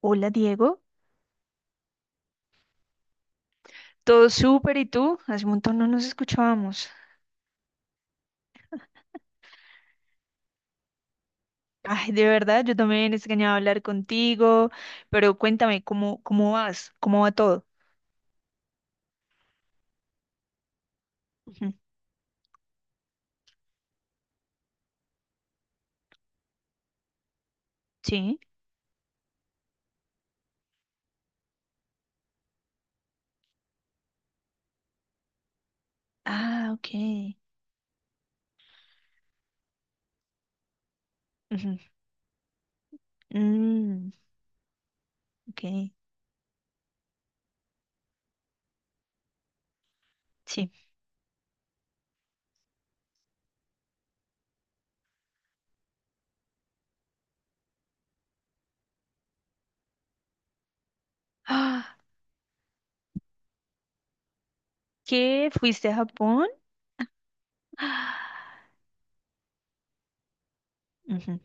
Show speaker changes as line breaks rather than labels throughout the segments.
Hola Diego, todo súper, ¿y tú? Hace un montón no nos escuchábamos. Ay, de verdad, yo también extrañaba hablar contigo, pero cuéntame, ¿cómo vas? ¿Cómo va todo? Ujú. Sí. Ah, ok. Ujú, mm, ok, sí. Ah, ¿qué? ¿Fuiste a Japón? Ah, ujú.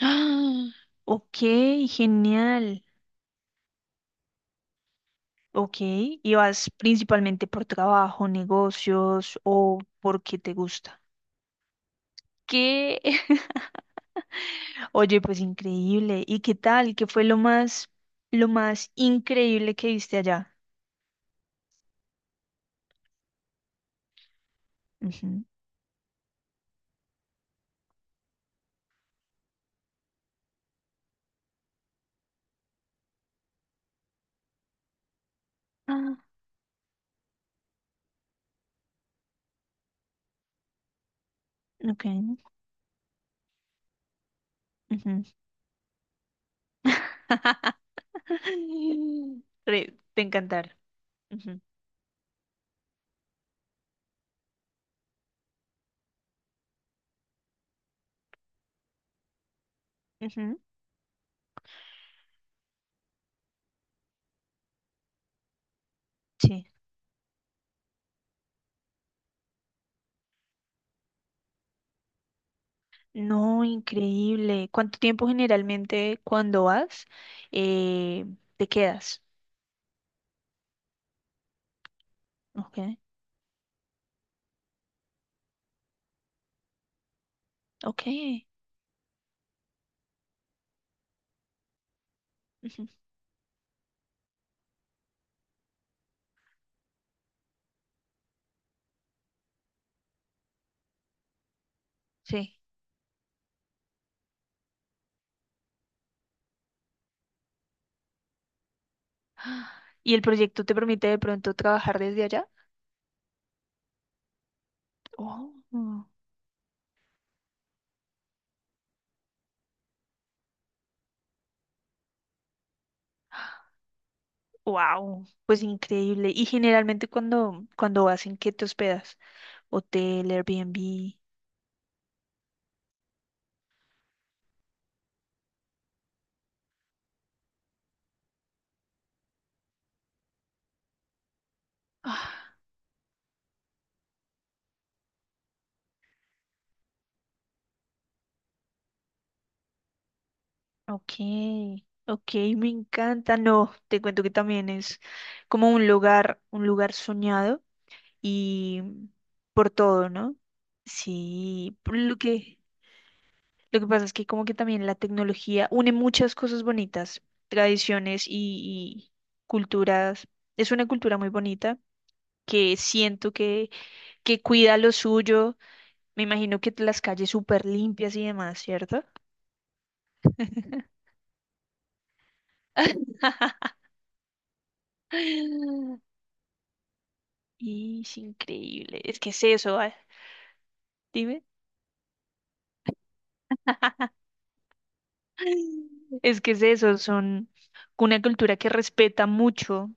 Ah, ok, genial. Ok, ¿y vas principalmente por trabajo, negocios o porque te gusta? ¿Qué? Oye, pues increíble. ¿Y qué tal? ¿Qué fue lo más increíble que viste allá? Ujú. Ah, ok. Ujú. Re- Te encantar. Ujú, ujú, sí. No, increíble. ¿Cuánto tiempo generalmente cuando vas, eh, te quedas? Ok, ok. Ujú, sí. Ah, ¿y el proyecto te permite de pronto trabajar desde allá? Oh. Wow, pues increíble. Y generalmente cuando vas, ¿en qué te hospedas? Hotel, Airbnb. Ah, ok, ok, me encanta. No, te cuento que también es como un lugar soñado y por todo, ¿no? Sí, por lo que pasa es que como que también la tecnología une muchas cosas bonitas, tradiciones y culturas. Es una cultura muy bonita que siento que cuida lo suyo. Me imagino que las calles súper limpias y demás, ¿cierto? Y es increíble. Es que es eso, ah, dime. Es que es eso, son una cultura que respeta mucho.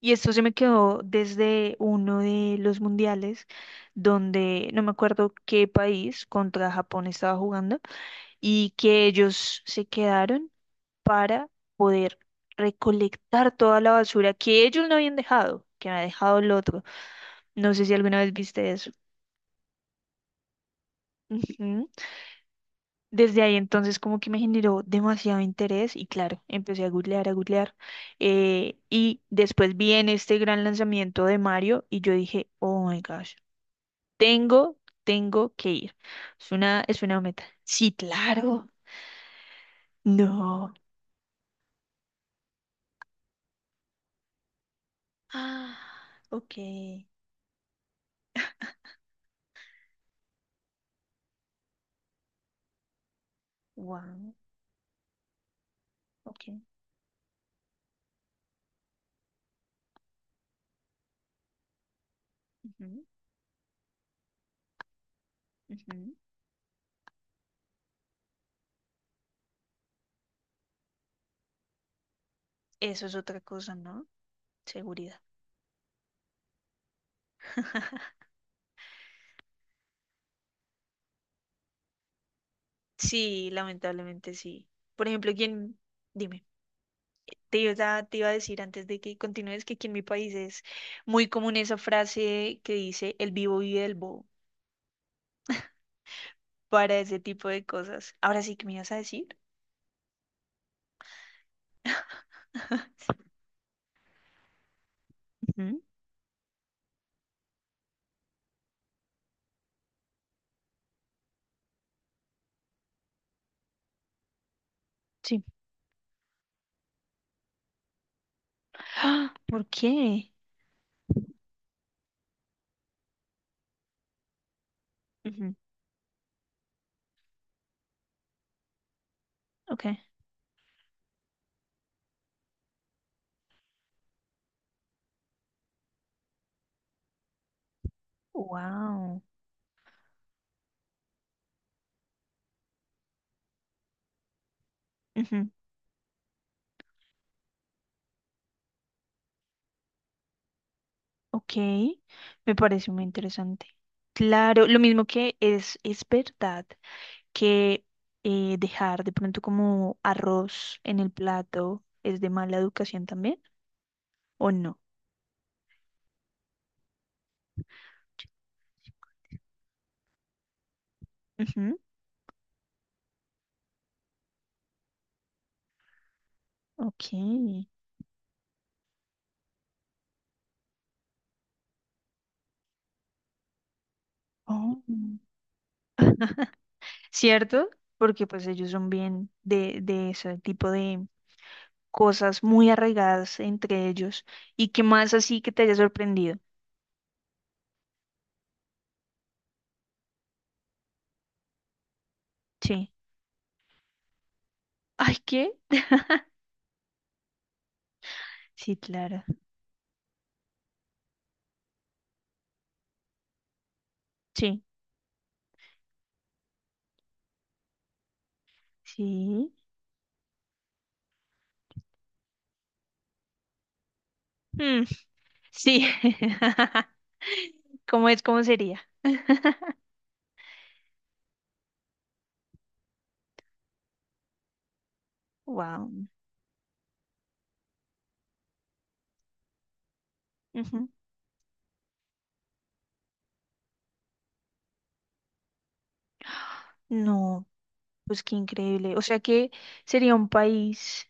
Y esto se me quedó desde uno de los mundiales, donde no me acuerdo qué país contra Japón estaba jugando, y que ellos se quedaron para poder recolectar toda la basura que ellos no habían dejado, que había dejado el otro. No sé si alguna vez viste eso. Ujú. Desde ahí entonces como que me generó demasiado interés y claro, empecé a googlear, a googlear. Y después vi en este gran lanzamiento de Mario y yo dije, oh my gosh, tengo, tengo que ir. Es una meta. Sí, claro. No. Ah, ok. Wow. Ok. Ujú, ujú. Eso es otra cosa, ¿no? Seguridad. Sí, lamentablemente sí. Por ejemplo, quien, dime, te iba a decir antes de que continúes que aquí en mi país es muy común esa frase que dice el vivo vive el bobo para ese tipo de cosas. Ahora sí que me ibas a decir. Ujú, sí. ¡Ah! ¿Por qué? Ujú, ok. Wow. Ujú, ok. Me parece muy interesante. Claro, lo mismo que es verdad. Que dejar de pronto como arroz en el plato es de mala educación también, ¿o no? Ujú, ok. Oh. ¿Cierto? Porque pues ellos son bien de ese tipo de cosas muy arraigadas entre ellos, y que más así que te haya sorprendido. Sí. Ay, ¿qué? Sí, claro. Sí. Sí. Mm, sí. ¿Cómo es? ¿Cómo sería? Wow. No, pues qué increíble. O sea que sería un país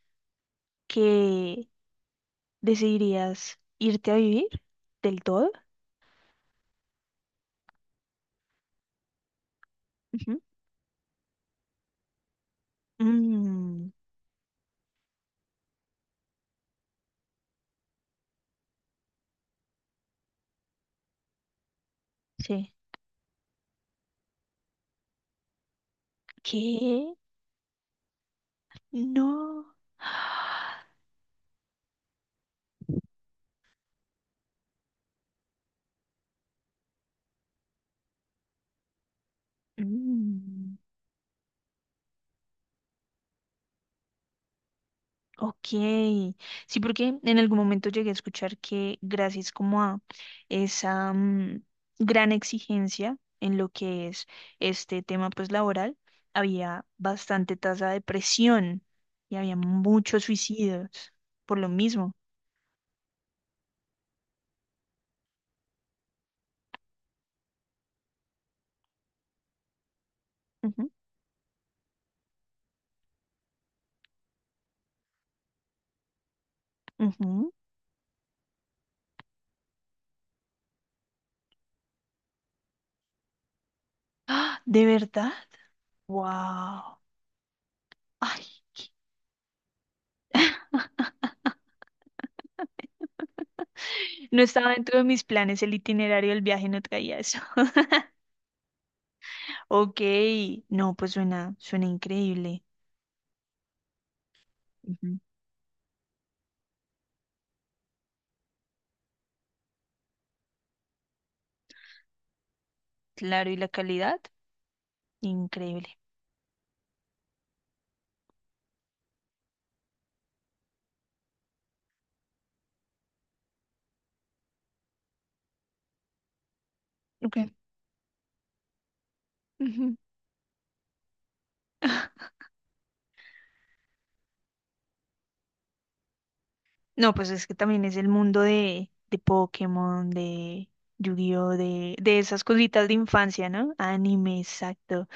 que decidirías irte a vivir del todo. Ujú. Mm, sí. ¿Qué? No. Mm. Ok, sí, porque en algún momento llegué a escuchar que gracias como a esa mm, gran exigencia en lo que es este tema pues laboral, había bastante tasa de presión y había muchos suicidios por lo mismo. Ujú, ujú. ¡Ah! ¿De verdad? ¡Wow! Ay, no estaba dentro de mis planes el itinerario del viaje, no traía eso. Ok, no, pues suena, suena increíble. Ujú. Claro, ¿y la calidad? Increíble. Ok. Ujú. No, pues es que también es el mundo de Pokémon, de Yu-Gi-Oh, de esas cositas de infancia, ¿no? Anime, exacto.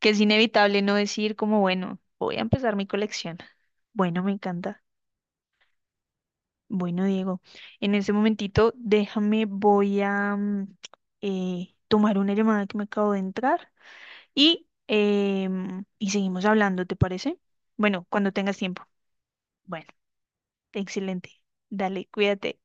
Que es inevitable no decir como, bueno, voy a empezar mi colección. Bueno, me encanta. Bueno, Diego, en ese momentito déjame, voy a mm, tomar una llamada que me acabo de entrar y, y seguimos hablando, ¿te parece? Bueno, cuando tengas tiempo. Bueno. Excelente. Dale, cuídate.